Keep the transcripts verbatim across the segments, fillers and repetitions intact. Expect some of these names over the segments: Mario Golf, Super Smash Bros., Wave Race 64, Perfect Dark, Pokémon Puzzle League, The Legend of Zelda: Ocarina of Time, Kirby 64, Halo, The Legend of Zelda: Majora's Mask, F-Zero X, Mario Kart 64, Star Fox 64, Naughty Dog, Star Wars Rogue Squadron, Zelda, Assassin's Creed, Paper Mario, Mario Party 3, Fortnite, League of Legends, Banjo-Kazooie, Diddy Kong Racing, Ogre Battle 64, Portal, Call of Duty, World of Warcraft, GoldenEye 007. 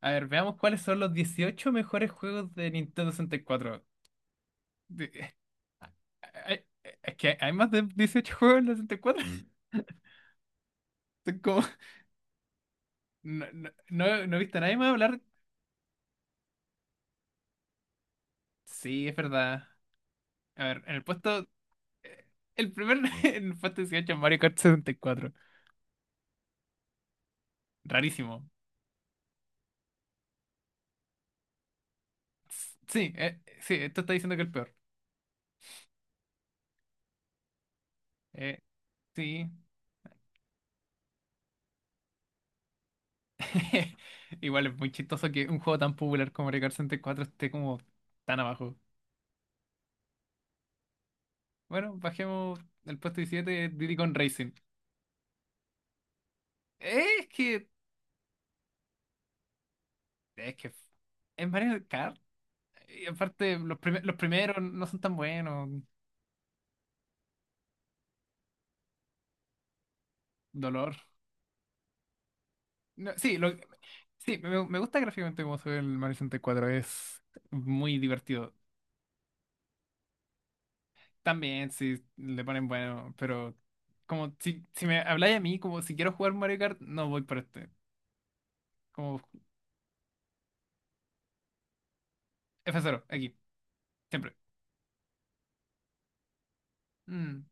A ver, veamos cuáles son los dieciocho mejores juegos de Nintendo sesenta y cuatro. De- eh, hay- eh, Es que hay más de dieciocho juegos en la sesenta y cuatro. Mm. Son como- No, no, no, no he visto a nadie más hablar. Sí, es verdad. A ver, en el puesto. Eh, El primer en el puesto dieciocho es Mario Kart sesenta y cuatro. Rarísimo. S- Sí, eh, sí, esto está diciendo que es el peor. Eh, sí. Igual es muy chistoso que un juego tan popular como Mario Kart sesenta y cuatro esté como tan abajo. Bueno, bajemos el puesto diecisiete Diddy Kong Racing. Eh, Es que, es que es Mario Kart. Y aparte, los, prime- los primeros no son tan buenos. Dolor. No, sí, lo, sí me, me gusta gráficamente cómo se ve el Mario sesenta y cuatro. Es muy divertido. También, sí, le ponen bueno, pero como si, si me habláis a mí, como si quiero jugar Mario Kart, no voy por este. Como F cero, aquí, siempre. Mm,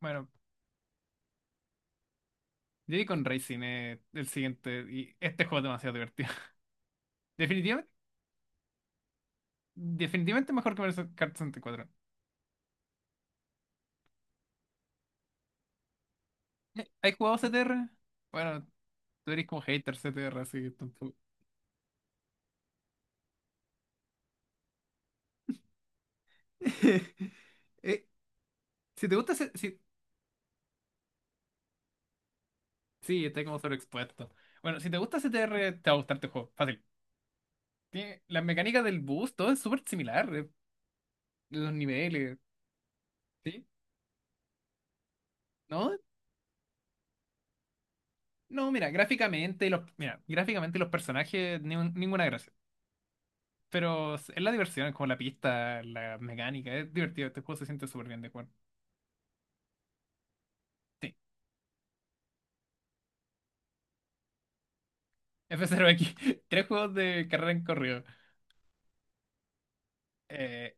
Bueno, Diddy con Racing es el siguiente. Y este juego es demasiado divertido. Definitivamente, definitivamente mejor que Mario Kart sesenta y cuatro. Eh, ¿Has jugado C T R? Bueno, tú eres como hater C T R, así que tampoco. Eh, si te gusta. C- Si... Sí, está como sobreexpuesto. Bueno, si te gusta C T R, te va a gustar este juego. Fácil. Tiene las mecánicas del bus, todo es súper similar. eh, Los niveles. ¿Sí? ¿No? No, mira, gráficamente los. Mira, gráficamente los personajes, ni- ninguna gracia. Pero es la diversión, es como la pista, la mecánica, es divertido. Este juego se siente súper bien de jugar. Sí. F cero X, tres juegos de carrera en corrido. Eh,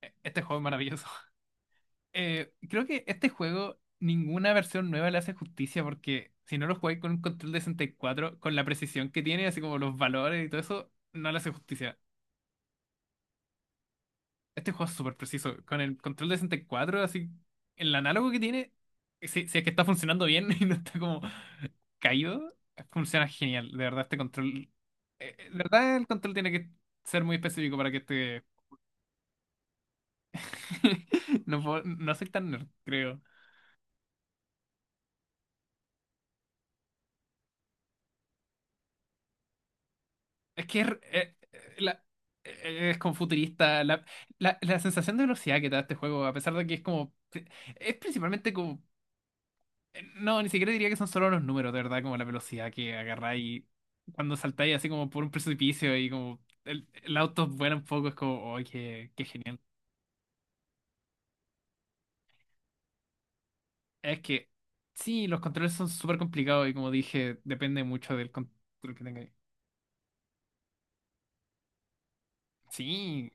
e, este juego es maravilloso. Eh, creo que este juego, ninguna versión nueva le hace justicia porque si no lo jugáis con un control de sesenta y cuatro, con la precisión que tiene, así como los valores y todo eso, no le hace justicia. Este juego es súper preciso. Con el control de sesenta y cuatro, así, el análogo que tiene, si, si es que está funcionando bien y no está como Kaido, funciona genial. De verdad, este control. eh, eh, de verdad, el control tiene que ser muy específico para que este. No, puedo- no soy tan nerd, creo. Es que es, eh, eh, la- eh, es como futurista. La, la, la sensación de velocidad que te da este juego, a pesar de que es como. Es principalmente como. eh, No, ni siquiera diría que son solo los números, de verdad, como la velocidad que agarráis cuando saltáis así como por un precipicio y como el, el auto vuela un poco, es como, ¡ay, qué, qué, genial! Es que sí, los controles son súper complicados y como dije, depende mucho del control que tengáis. Sí,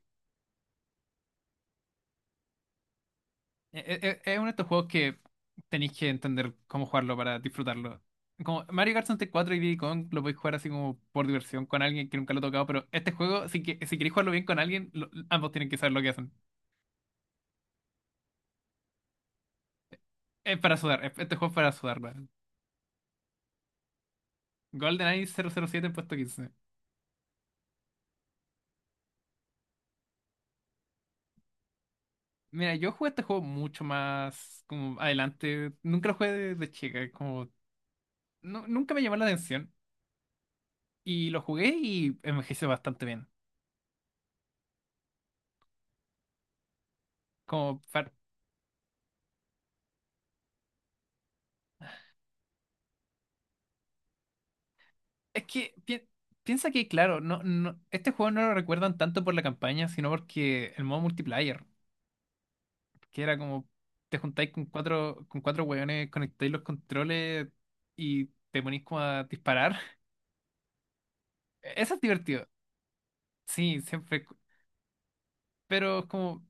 e- e- e- es uno de estos juegos que tenéis que entender cómo jugarlo para disfrutarlo. Como Mario Kart sesenta y cuatro y cuatro y Diddy Kong lo podéis jugar así como por diversión con alguien que nunca lo ha tocado, pero este juego, si, que, si queréis jugarlo bien con alguien, lo- ambos tienen que saber lo que hacen. Es para sudar, es- este juego es para sudar, ¿verdad? GoldenEye cero cero siete en puesto quince. Mira, yo jugué este juego mucho más como adelante. Nunca lo jugué de, de chica, como no, nunca me llamó la atención y lo jugué y envejeció bastante bien. Como par- Es que pi- piensa que, claro, no, no, este juego no lo recuerdan tanto por la campaña, sino porque el modo multiplayer, que era como te juntáis con cuatro, con cuatro hueones, conectáis los controles y te ponís como a disparar. Eso es divertido. Sí, siempre. cu- Pero como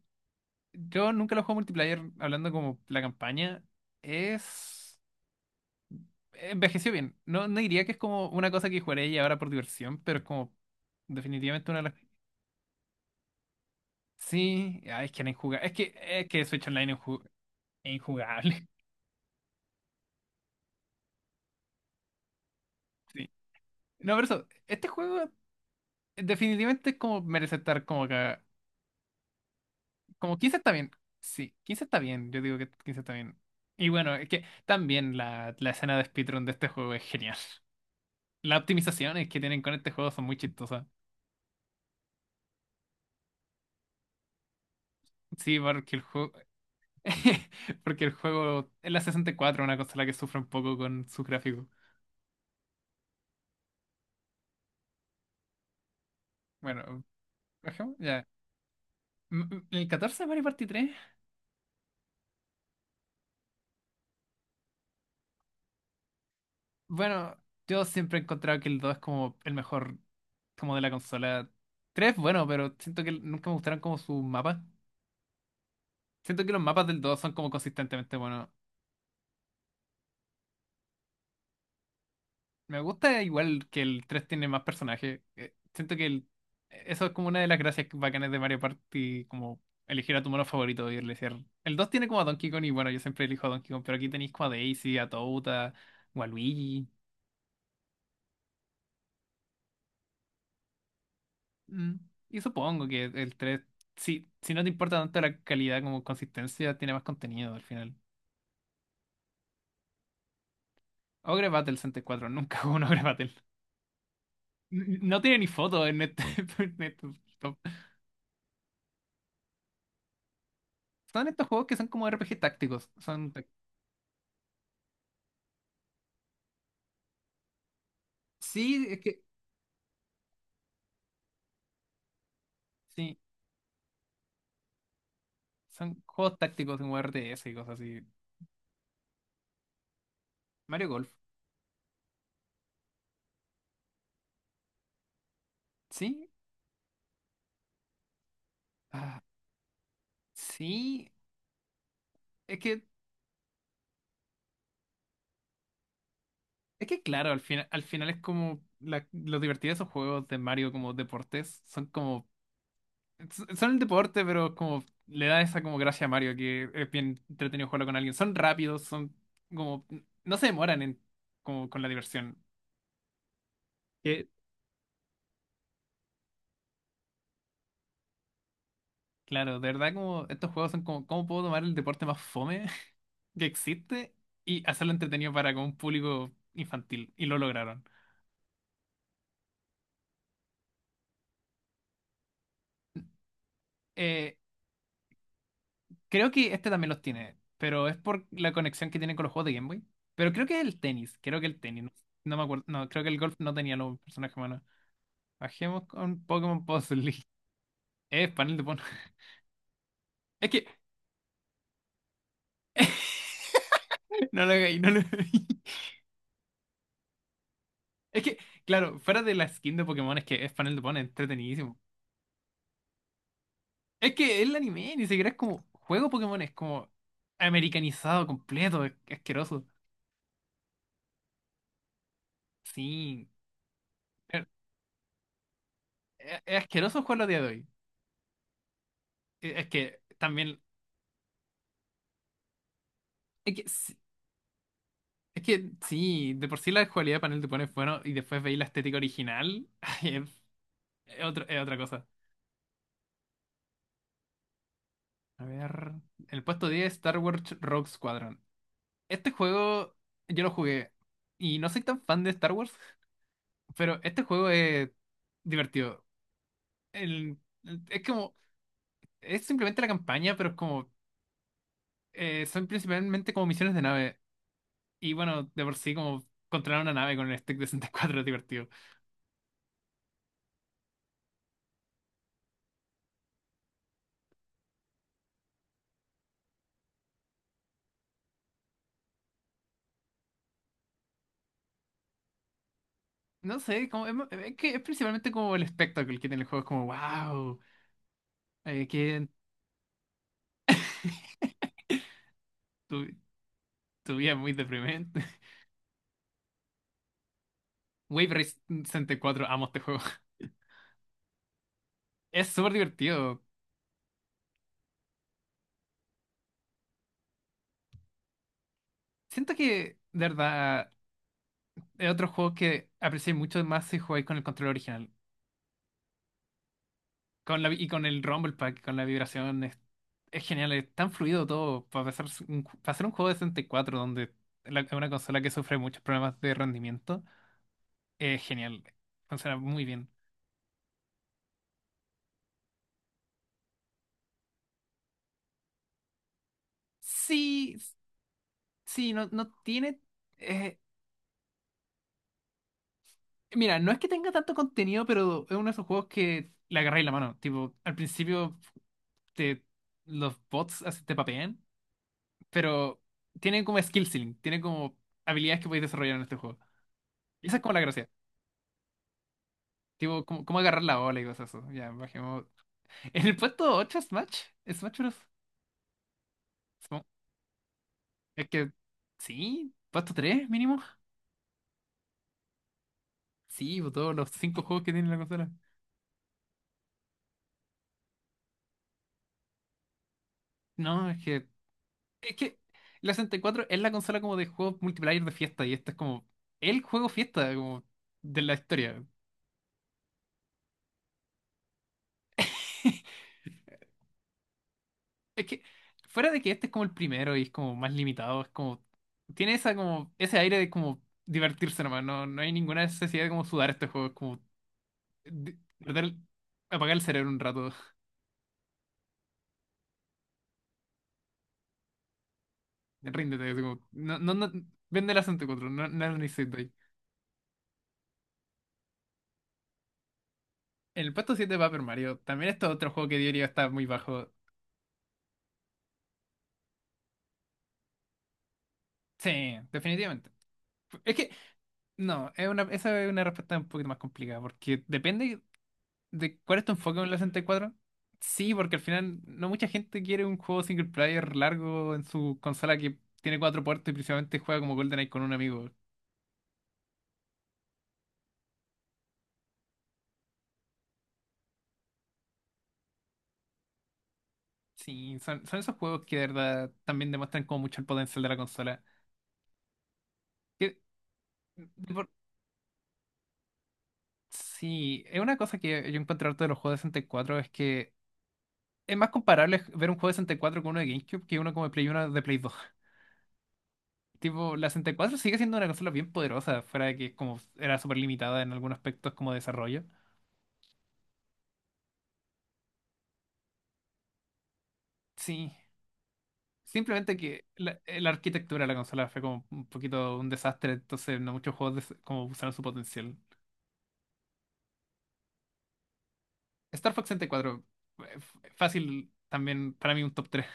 yo nunca lo juego multiplayer hablando como la campaña es. Envejeció bien. No, no diría que es como una cosa que jugaré y ahora por diversión, pero es como definitivamente una de las... Sí, ah, es que era injugable. Es que, es que Switch Online es inju- es injugable. Sí. No, pero eso, este juego definitivamente es como merece estar como acá. Como quince está bien. Sí, quince está bien. Yo digo que quince está bien. Y bueno, es que también la, la escena de speedrun de este juego es genial. Las optimizaciones que tienen con este juego son muy chistosas. Sí, porque el juego, Porque el juego es la sesenta y cuatro, una consola que sufre un poco con sus gráficos. Bueno, bajemos, ya. M- m- El catorce de Mario Party tres. Bueno, yo siempre he encontrado que el dos es como el mejor como de la consola. Tres, bueno, pero siento que nunca me gustaron como sus mapas. Siento que los mapas del dos son como consistentemente buenos. Me gusta igual que el tres tiene más personajes. Eh, Siento que el- eso es como una de las gracias bacanas de Mario Party, como elegir a tu mono favorito y elegir. El dos tiene como a Donkey Kong y bueno, yo siempre elijo a Donkey Kong, pero aquí tenéis como a Daisy, a Toad, a o a Luigi. Mm, Y supongo que el tres, si, si no te importa tanto la calidad como consistencia, tiene más contenido al final. Ogre Battle sesenta y cuatro, nunca jugué un Ogre Battle. N- No tiene ni foto en este, en este top. Son estos juegos que son como R P G tácticos. Son Sí, es que. Sí, son juegos tácticos en R T S y cosas así. Mario Golf. Sí. Ah, sí. Es que. Es que claro, al final, al final es como la- lo divertido de esos juegos de Mario como deportes. Son como. s- Son el deporte, pero como le da esa como gracia a Mario que es bien entretenido jugarlo con alguien. Son rápidos, son como. No se demoran en como con la diversión. Que, claro, de verdad como estos juegos son como, ¿cómo puedo tomar el deporte más fome que existe y hacerlo entretenido para con un público infantil? Y lo lograron. Eh, creo que este también los tiene, pero es por la conexión que tienen con los juegos de Game Boy. Pero creo que es el tenis, creo que el tenis. No, no me acuerdo, no, creo que el golf no tenía los personajes humanos. Bajemos con Pokémon Puzzle. Es panel de Pokémon. Es que, no lo hagáis, no lo hagáis. Es que, claro, fuera de la skin de Pokémon, es que es panel de Pokémon, es entretenidísimo. Es que el anime ni siquiera es como juego Pokémon, es como americanizado completo, es asqueroso. Sí, pero es, es asqueroso jugarlo a día de hoy. E- Es que también, es que, sí- es que sí, de por sí la cualidad de panel te pone bueno y después veis la estética original, ay, es, es otro- es otra cosa. A ver, el puesto diez. Star Wars Rogue Squadron. Este juego yo lo jugué y no soy tan fan de Star Wars, pero este juego es divertido. El- es como, es simplemente la campaña, pero es como, eh, son principalmente como misiones de nave. Y bueno, de por sí, como controlar una nave con el stick de sesenta y cuatro es divertido. No sé, como, es, es que es principalmente como el espectáculo que tiene el juego. Es como, wow, eh, que tu, tu vida es muy deprimente. Wave Race sesenta y cuatro, amo este juego. Es súper divertido. Siento que, de verdad, es otro juego que aprecié mucho más si jugáis con el control original. Con la, vi- y con el Rumble Pack, con la vibración, es, es genial, es tan fluido todo. Para hacer un, ju- para hacer un juego de sesenta y cuatro donde la- es una consola que sufre muchos problemas de rendimiento, es genial, funciona muy bien. Sí, sí, no, no tiene. eh, mira, no es que tenga tanto contenido, pero es uno de esos juegos que le agarráis la mano. Tipo, al principio te, los bots así te papean, pero tiene como skill ceiling, tiene como habilidades que podéis desarrollar en este juego. Y esa es como la gracia. Tipo, ¿cómo, cómo agarrar la bola y cosas así? Ya, bajemos. En el puesto ocho Smash, Smash Bros. Supongo- Es que, sí, puesto tres mínimo. Sí, pues, todos los cinco juegos que tiene la consola. No, es que, es que la sesenta y cuatro es la consola como de juegos multiplayer de fiesta y este es como el juego fiesta como de la historia. Es que, fuera de que este es como el primero y es como más limitado, es como, tiene esa como, ese aire de como divertirse nomás, no, no hay ninguna necesidad de como sudar este juego, es como de- tratar apagar el cerebro un rato. Ríndete, así como, no, no, no, vende la sesenta y cuatro, no, no lo necesito ahí. En el puesto siete va Paper Mario, también esto es otro juego que diría está muy bajo. Sí, definitivamente. Es que, no, es una, esa es una respuesta un poquito más complicada, porque depende de cuál es tu enfoque en la sesenta y cuatro. Sí, porque al final no mucha gente quiere un juego single player largo en su consola que tiene cuatro puertos y principalmente juega como GoldenEye con un amigo. Sí, son, son esos juegos que de verdad también demuestran como mucho el potencial de la consola. Que, de por sí, es una cosa que yo encuentro harto de los juegos de sesenta y cuatro es que es más comparable ver un juego de sesenta y cuatro con uno de GameCube que uno como de Play uno de Play dos. Tipo, la sesenta y cuatro sigue siendo una consola bien poderosa, fuera de que como era súper limitada en algunos aspectos como desarrollo. Sí, simplemente que la, eh, la arquitectura de la consola fue como un poquito un desastre, entonces no muchos juegos des- como usaron su potencial. Star Fox sesenta y cuatro, eh, f- fácil también para mí un top tres.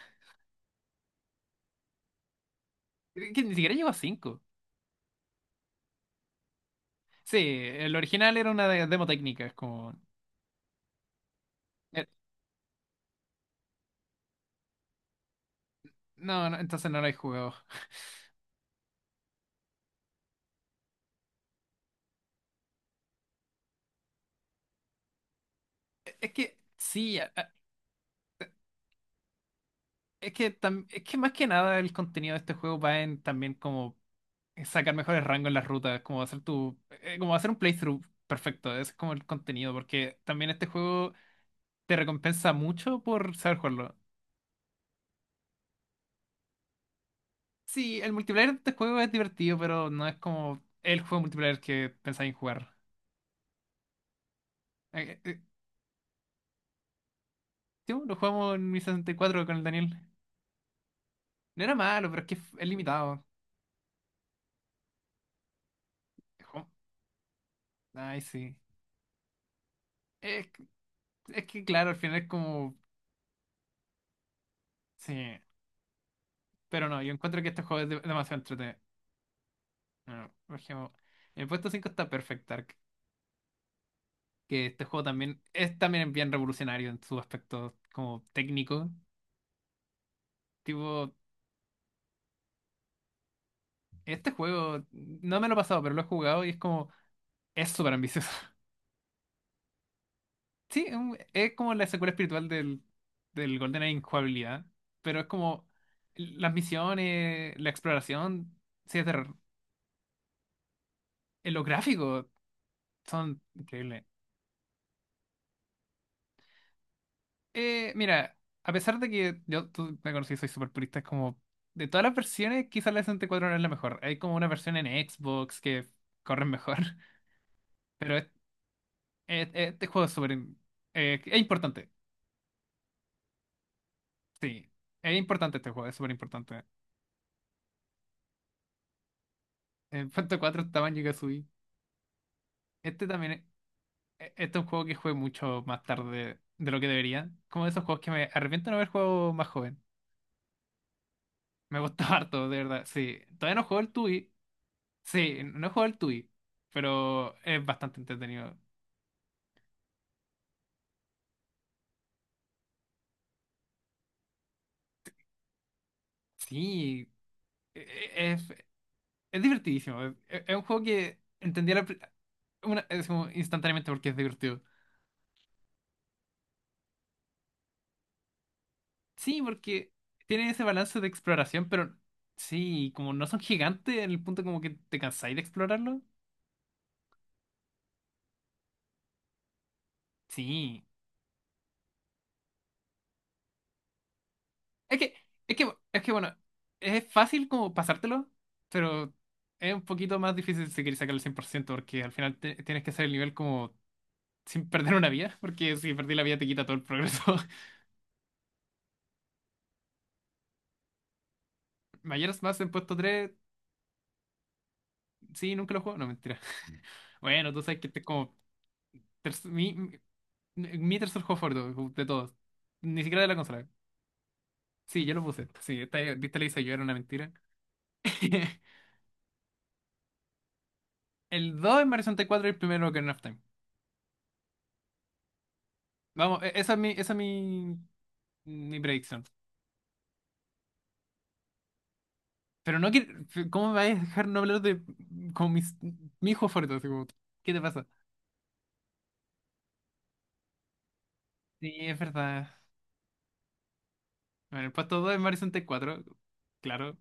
Que ni siquiera llegó a cinco. Sí, el original era una de- demo técnica, es como eh, no, no, entonces no lo he jugado. Es que, sí, a- a- es que, tam- es que más que nada el contenido de este juego va en también como sacar mejores rangos en las rutas, como hacer tu, eh, como hacer un playthrough perfecto, ese es como el contenido, porque también este juego te recompensa mucho por saber jugarlo. Sí, el multiplayer de este juego es divertido, pero no es como el juego multiplayer que pensaba en jugar. Eh, eh, yo lo jugamos en mi sesenta y cuatro con el Daniel. No era malo, pero es que es limitado. Es como- Ay, sí. Es, que- es que claro, al final es como. Sí. Pero no, yo encuentro que este juego es de- demasiado entretenido. No, por ejemplo, en el puesto cinco está Perfect Dark, que este juego también es también bien revolucionario en su aspecto como técnico. Tipo, este juego no me lo he pasado, pero lo he jugado y es como. Es súper ambicioso. Sí, es un- es como la secuela espiritual del, del GoldenEye Injugabilidad, pero es como las misiones, la exploración, sí, es de terror. Eh, Los gráficos son increíbles. Eh, mira, a pesar de que yo, tú me conocí, soy súper purista, es como de todas las versiones, quizás la sesenta y cuatro no es la mejor. Hay como una versión en Xbox que corre mejor. Pero es- es- este juego es súper im- eh, es importante, sí. Es importante este juego, es súper importante. En Phantom cuatro estaba en Banjo-Kazooie. Este también, e- e- este es un juego que jugué mucho más tarde de lo que debería. Como de esos juegos que me arrepiento de no haber jugado más joven. Me gustó harto, de verdad. Sí, todavía no juego el Tui. Sí, no he jugado el Tui, pero es bastante entretenido. Sí, e- e- es, es divertidísimo. Es, es- es un juego que entendí a la pri- una, es como instantáneamente porque es divertido. Sí, porque tiene ese balance de exploración, pero sí, como no son gigantes en el punto como que te cansáis de explorarlo. Sí. Es que, es que, es que bueno, es fácil como pasártelo, pero es un poquito más difícil si quieres sacar el cien por ciento porque al final te- tienes que hacer el nivel como sin perder una vida, porque si perdí la vida te quita todo el progreso. Mayoras más en puesto tres. Sí, nunca lo juego, no, mentira. Bueno, tú sabes que este es como terc- mi, mi, mi tercer juego favorito de todos, ni siquiera de la consola. Sí, yo lo puse, sí, esta, esta le hice yo, era una mentira. El dos es Mario sesenta y cuatro y cuatro y el primero que of Time. Vamos, e- esa es mi, esa es mi, mi predicción. Pero no que. ¿Cómo me vais a dejar no hablar de con mis, mi hijo fuerte? Así como, ¿qué te pasa? Sí, es verdad. Bueno, el puesto dos es Mario sesenta y cuatro. Claro.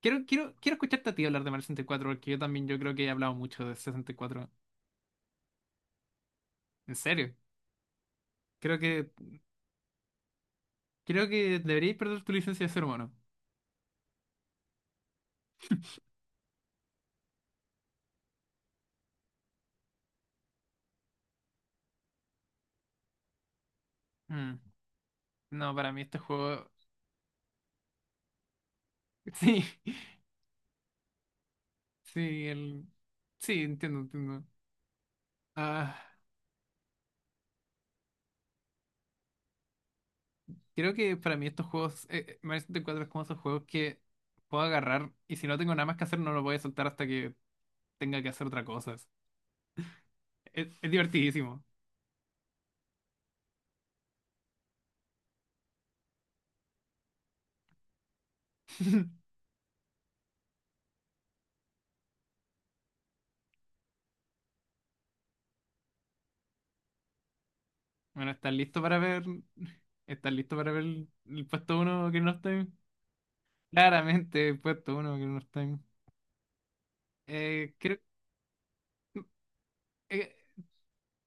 Quiero, quiero, quiero escucharte a ti hablar de Mario sesenta y cuatro porque yo también yo creo que he hablado mucho de sesenta y cuatro. En serio. Creo que, creo que deberíais perder tu licencia de ser humano. Mm. No, para mí este juego. Sí, sí, el. Sí, entiendo, entiendo. Ah. Creo que para mí estos juegos, eh, eh, Mario sesenta y cuatro es como esos juegos que puedo agarrar y si no tengo nada más que hacer no lo voy a soltar hasta que tenga que hacer otra cosa. Es, es divertidísimo. Bueno, ¿estás listo para ver? ¿Estás listo para ver el, el puesto uno que no está? Claramente, el puesto uno que no está. Eh, creo, eh,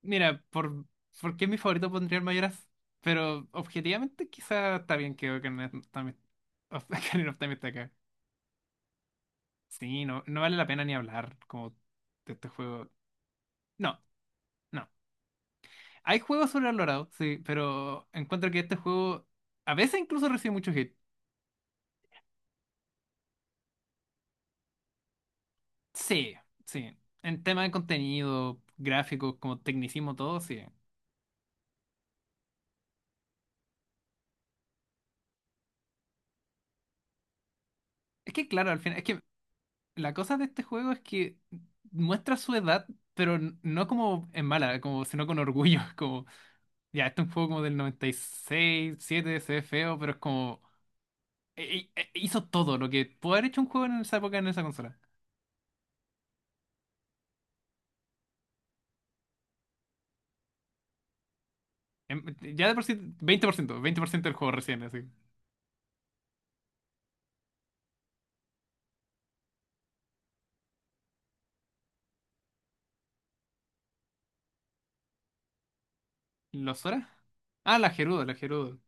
mira, por, ¿por qué mi favorito pondría el Mayoras? Pero objetivamente quizá está bien que Ocarina of Time, of- Ocarina of Time esté acá. Sí, no, no vale la pena ni hablar como de este juego. No, no. Hay juegos sobrevalorados, sí, pero encuentro que este juego a veces incluso recibe mucho hate. Sí, sí. En tema de contenido, gráficos, como tecnicismo, todo, sí. Es que claro, al final, es que la cosa de este juego es que muestra su edad, pero n- no como en mala, como, sino con orgullo. Como, ya, este es un juego como del noventa y seis, siete, se ve feo, pero es como. e- e- e- Hizo todo lo que pudo haber hecho un juego en esa época en esa consola. Em, Ya de por sí, veinte por ciento, veinte por ciento del juego recién, así. ¿Los horas? Ah, la Gerudo, la Gerudo.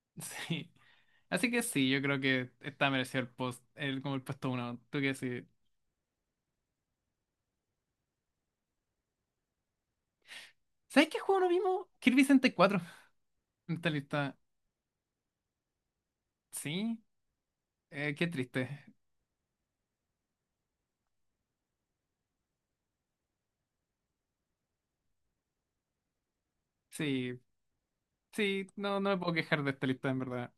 Sí. Así que sí, yo creo que está merecido el post, el, como el puesto uno. ¿Tú qué decís? ¿Sabes qué juego no vimos? Kirby sesenta y cuatro en esta lista. Sí. Eh, qué triste. Sí, Sí, no, no me puedo quejar de esta lista, en verdad.